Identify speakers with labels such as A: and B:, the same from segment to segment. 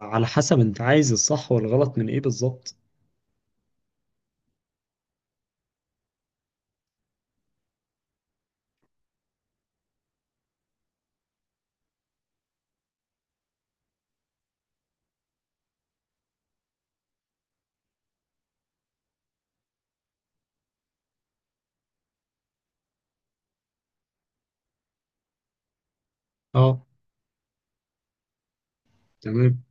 A: على حسب انت عايز الصح والغلط من ايه بالظبط؟ اه، تمام.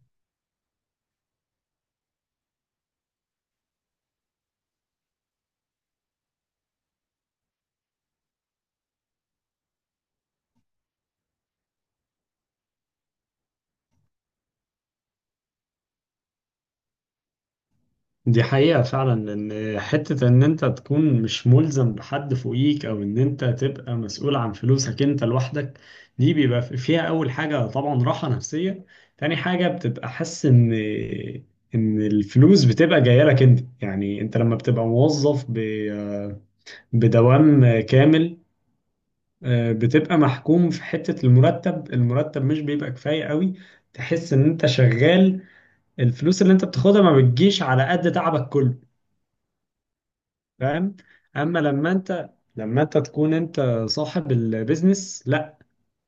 A: دي حقيقة فعلا، ان حتة ان انت تكون مش ملزم بحد فوقيك او ان انت تبقى مسؤول عن فلوسك انت لوحدك، دي بيبقى فيها اول حاجة طبعا راحة نفسية. تاني حاجة بتبقى حاسس ان الفلوس بتبقى جاية لك انت. يعني انت لما بتبقى موظف بدوام كامل، بتبقى محكوم في حتة المرتب. المرتب مش بيبقى كفاية قوي، تحس ان انت شغال، الفلوس اللي انت بتاخدها ما بتجيش على قد تعبك كله. فاهم. اما لما انت تكون انت صاحب البيزنس، لا،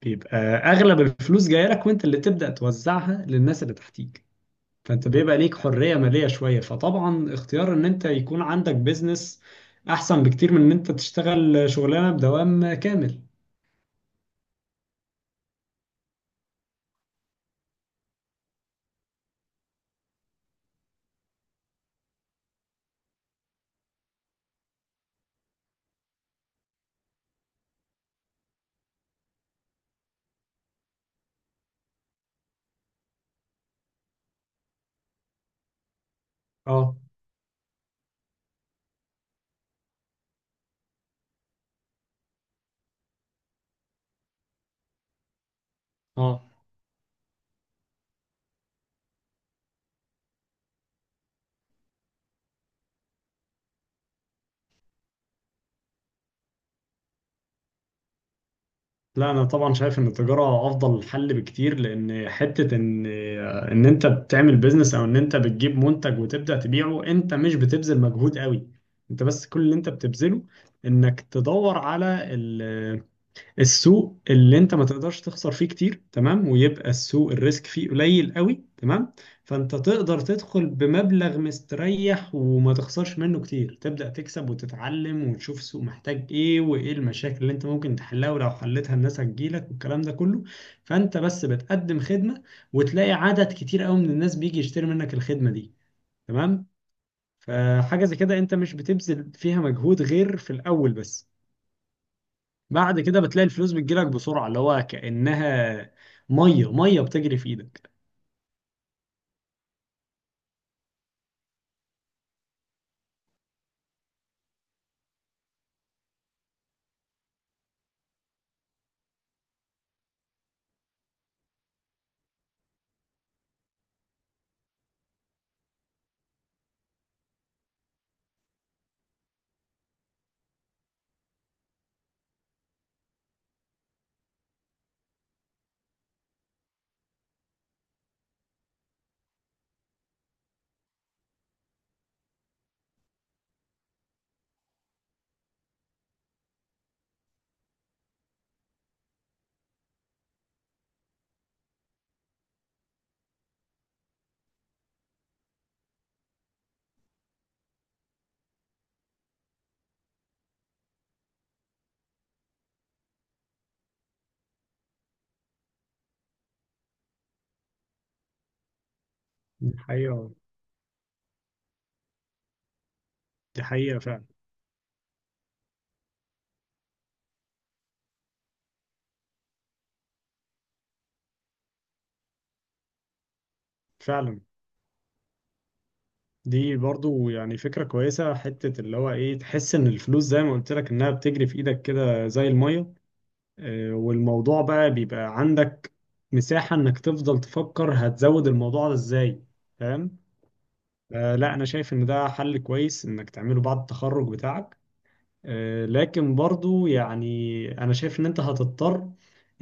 A: بيبقى اغلب الفلوس جاية لك، وانت اللي تبدأ توزعها للناس اللي تحتيك. فانت بيبقى ليك حرية مالية شوية، فطبعا اختيار ان انت يكون عندك بيزنس احسن بكتير من ان انت تشتغل شغلانة بدوام كامل. اه. اه، لا انا طبعا شايف ان التجاره افضل حل بكتير، لان حته ان انت بتعمل بيزنس او ان انت بتجيب منتج وتبدا تبيعه، انت مش بتبذل مجهود قوي. انت بس كل اللي انت بتبذله، انك تدور على السوق اللي انت ما تقدرش تخسر فيه كتير، تمام، ويبقى السوق الريسك فيه قليل قوي، تمام. فانت تقدر تدخل بمبلغ مستريح وما تخسرش منه كتير، تبدأ تكسب وتتعلم وتشوف السوق محتاج ايه وايه المشاكل اللي انت ممكن تحلها، ولو حلتها الناس هتجيلك والكلام ده كله. فانت بس بتقدم خدمة، وتلاقي عدد كتير قوي من الناس بيجي يشتري منك الخدمة دي. تمام. فحاجة زي كده انت مش بتبذل فيها مجهود غير في الأول بس. بعد كده بتلاقي الفلوس بتجيلك بسرعة، اللي هو كأنها مية مية بتجري في ايدك. دي حقيقة. دي حقيقة فعلا. فعلا. دي برضو يعني فكرة كويسة، حتة اللي هو ايه، تحس ان الفلوس زي ما قلت لك انها بتجري في ايدك كده زي المية. والموضوع بقى بيبقى عندك مساحة انك تفضل تفكر هتزود الموضوع ده ازاي. فاهم. لا انا شايف ان ده حل كويس انك تعمله بعد التخرج بتاعك. لكن برضو يعني انا شايف ان انت هتضطر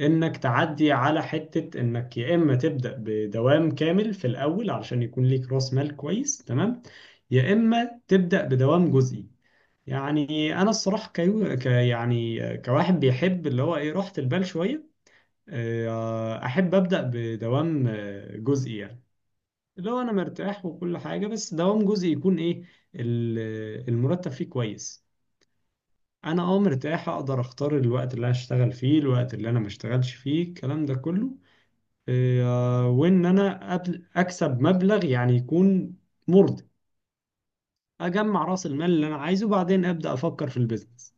A: انك تعدي على حتة انك يا اما تبدأ بدوام كامل في الاول علشان يكون ليك راس مال كويس، تمام، يا اما تبدأ بدوام جزئي. يعني انا الصراحة كيو ك يعني كواحد بيحب اللي هو ايه راحة البال شوية، احب أبدأ بدوام جزئي يعني. اللي هو انا مرتاح وكل حاجة، بس دوام جزئي يكون ايه، المرتب فيه كويس، انا اه مرتاح، اقدر اختار الوقت اللي هشتغل فيه، الوقت اللي انا ما اشتغلش فيه، الكلام ده كله. إيه، وان انا اكسب مبلغ يعني يكون مرضي، اجمع راس المال اللي انا عايزه وبعدين ابدا افكر في البيزنس.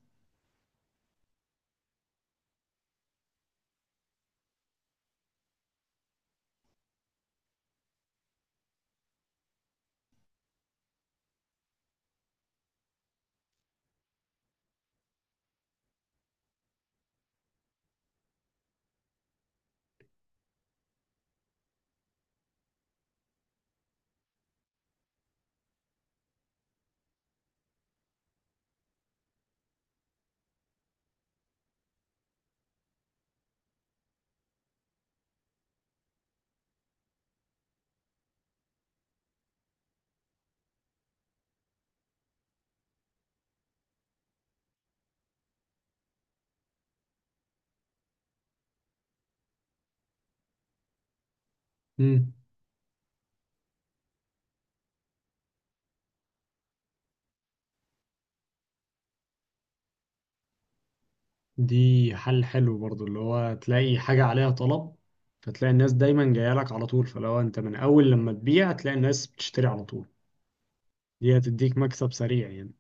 A: مم. دي حل حلو برضو، اللي هو تلاقي حاجة عليها طلب، فتلاقي الناس دايما جايه لك على طول، فلو انت من اول لما تبيع تلاقي الناس بتشتري على طول، دي هتديك مكسب سريع يعني.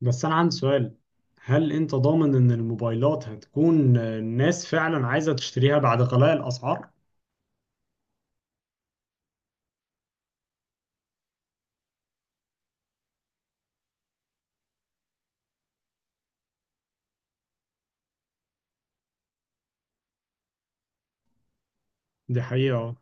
A: بس أنا عندي سؤال، هل أنت ضامن إن الموبايلات هتكون الناس فعلا عايزة تشتريها بعد غلاء الأسعار؟ دي حقيقة اه.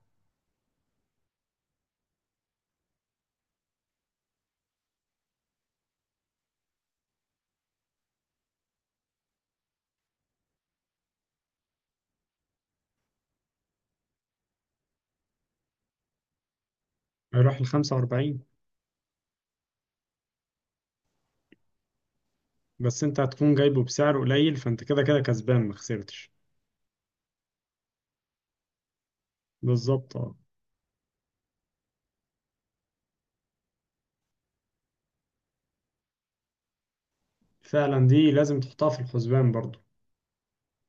A: هيروح لخمسة وأربعين. بس أنت هتكون جايبه بسعر قليل، فأنت كده كده كسبان، مخسرتش. بالظبط اه. فعلا، دي لازم تحطها في الحسبان برضو،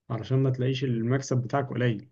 A: علشان ما تلاقيش المكسب بتاعك قليل.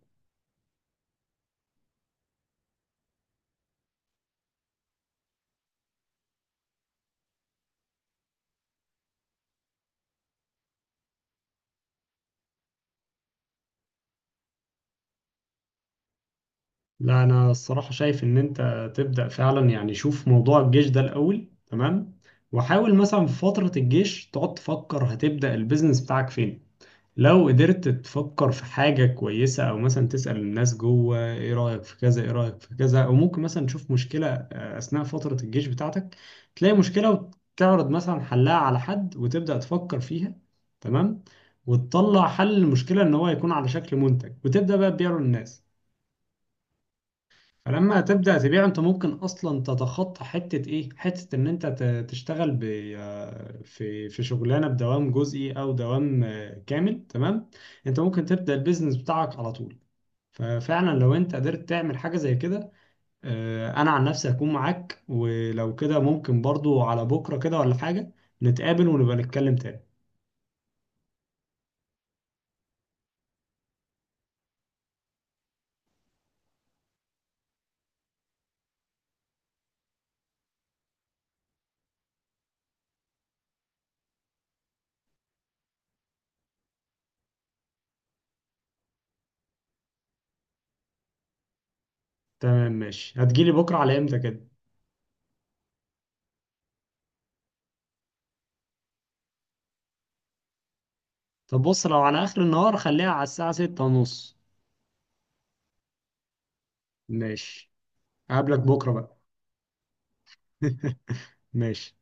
A: لا أنا الصراحة شايف إن أنت تبدأ فعلا، يعني شوف موضوع الجيش ده الأول، تمام، وحاول مثلا في فترة الجيش تقعد تفكر هتبدأ البيزنس بتاعك فين. لو قدرت تفكر في حاجة كويسة، أو مثلا تسأل الناس جوه، إيه رأيك في كذا، إيه رأيك في كذا، أو ممكن مثلا تشوف مشكلة أثناء فترة الجيش بتاعتك، تلاقي مشكلة وتعرض مثلا حلها على حد وتبدأ تفكر فيها، تمام، وتطلع حل المشكلة إن هو يكون على شكل منتج وتبدأ بقى تبيعه للناس. فلما تبدأ تبيع انت ممكن اصلا تتخطى حتة ايه، حتة ان انت تشتغل في شغلانة بدوام جزئي او دوام كامل، تمام. انت ممكن تبدأ البيزنس بتاعك على طول. ففعلا لو انت قدرت تعمل حاجة زي كده، انا عن نفسي هكون معاك. ولو كده ممكن برضو على بكرة كده ولا حاجة، نتقابل ونبقى نتكلم تاني. تمام ماشي. هتجيلي بكرة على امتى كده؟ طب بص، لو على اخر النهار خليها على الساعة 6:30. ماشي. هقابلك بكرة بقى. ماشي.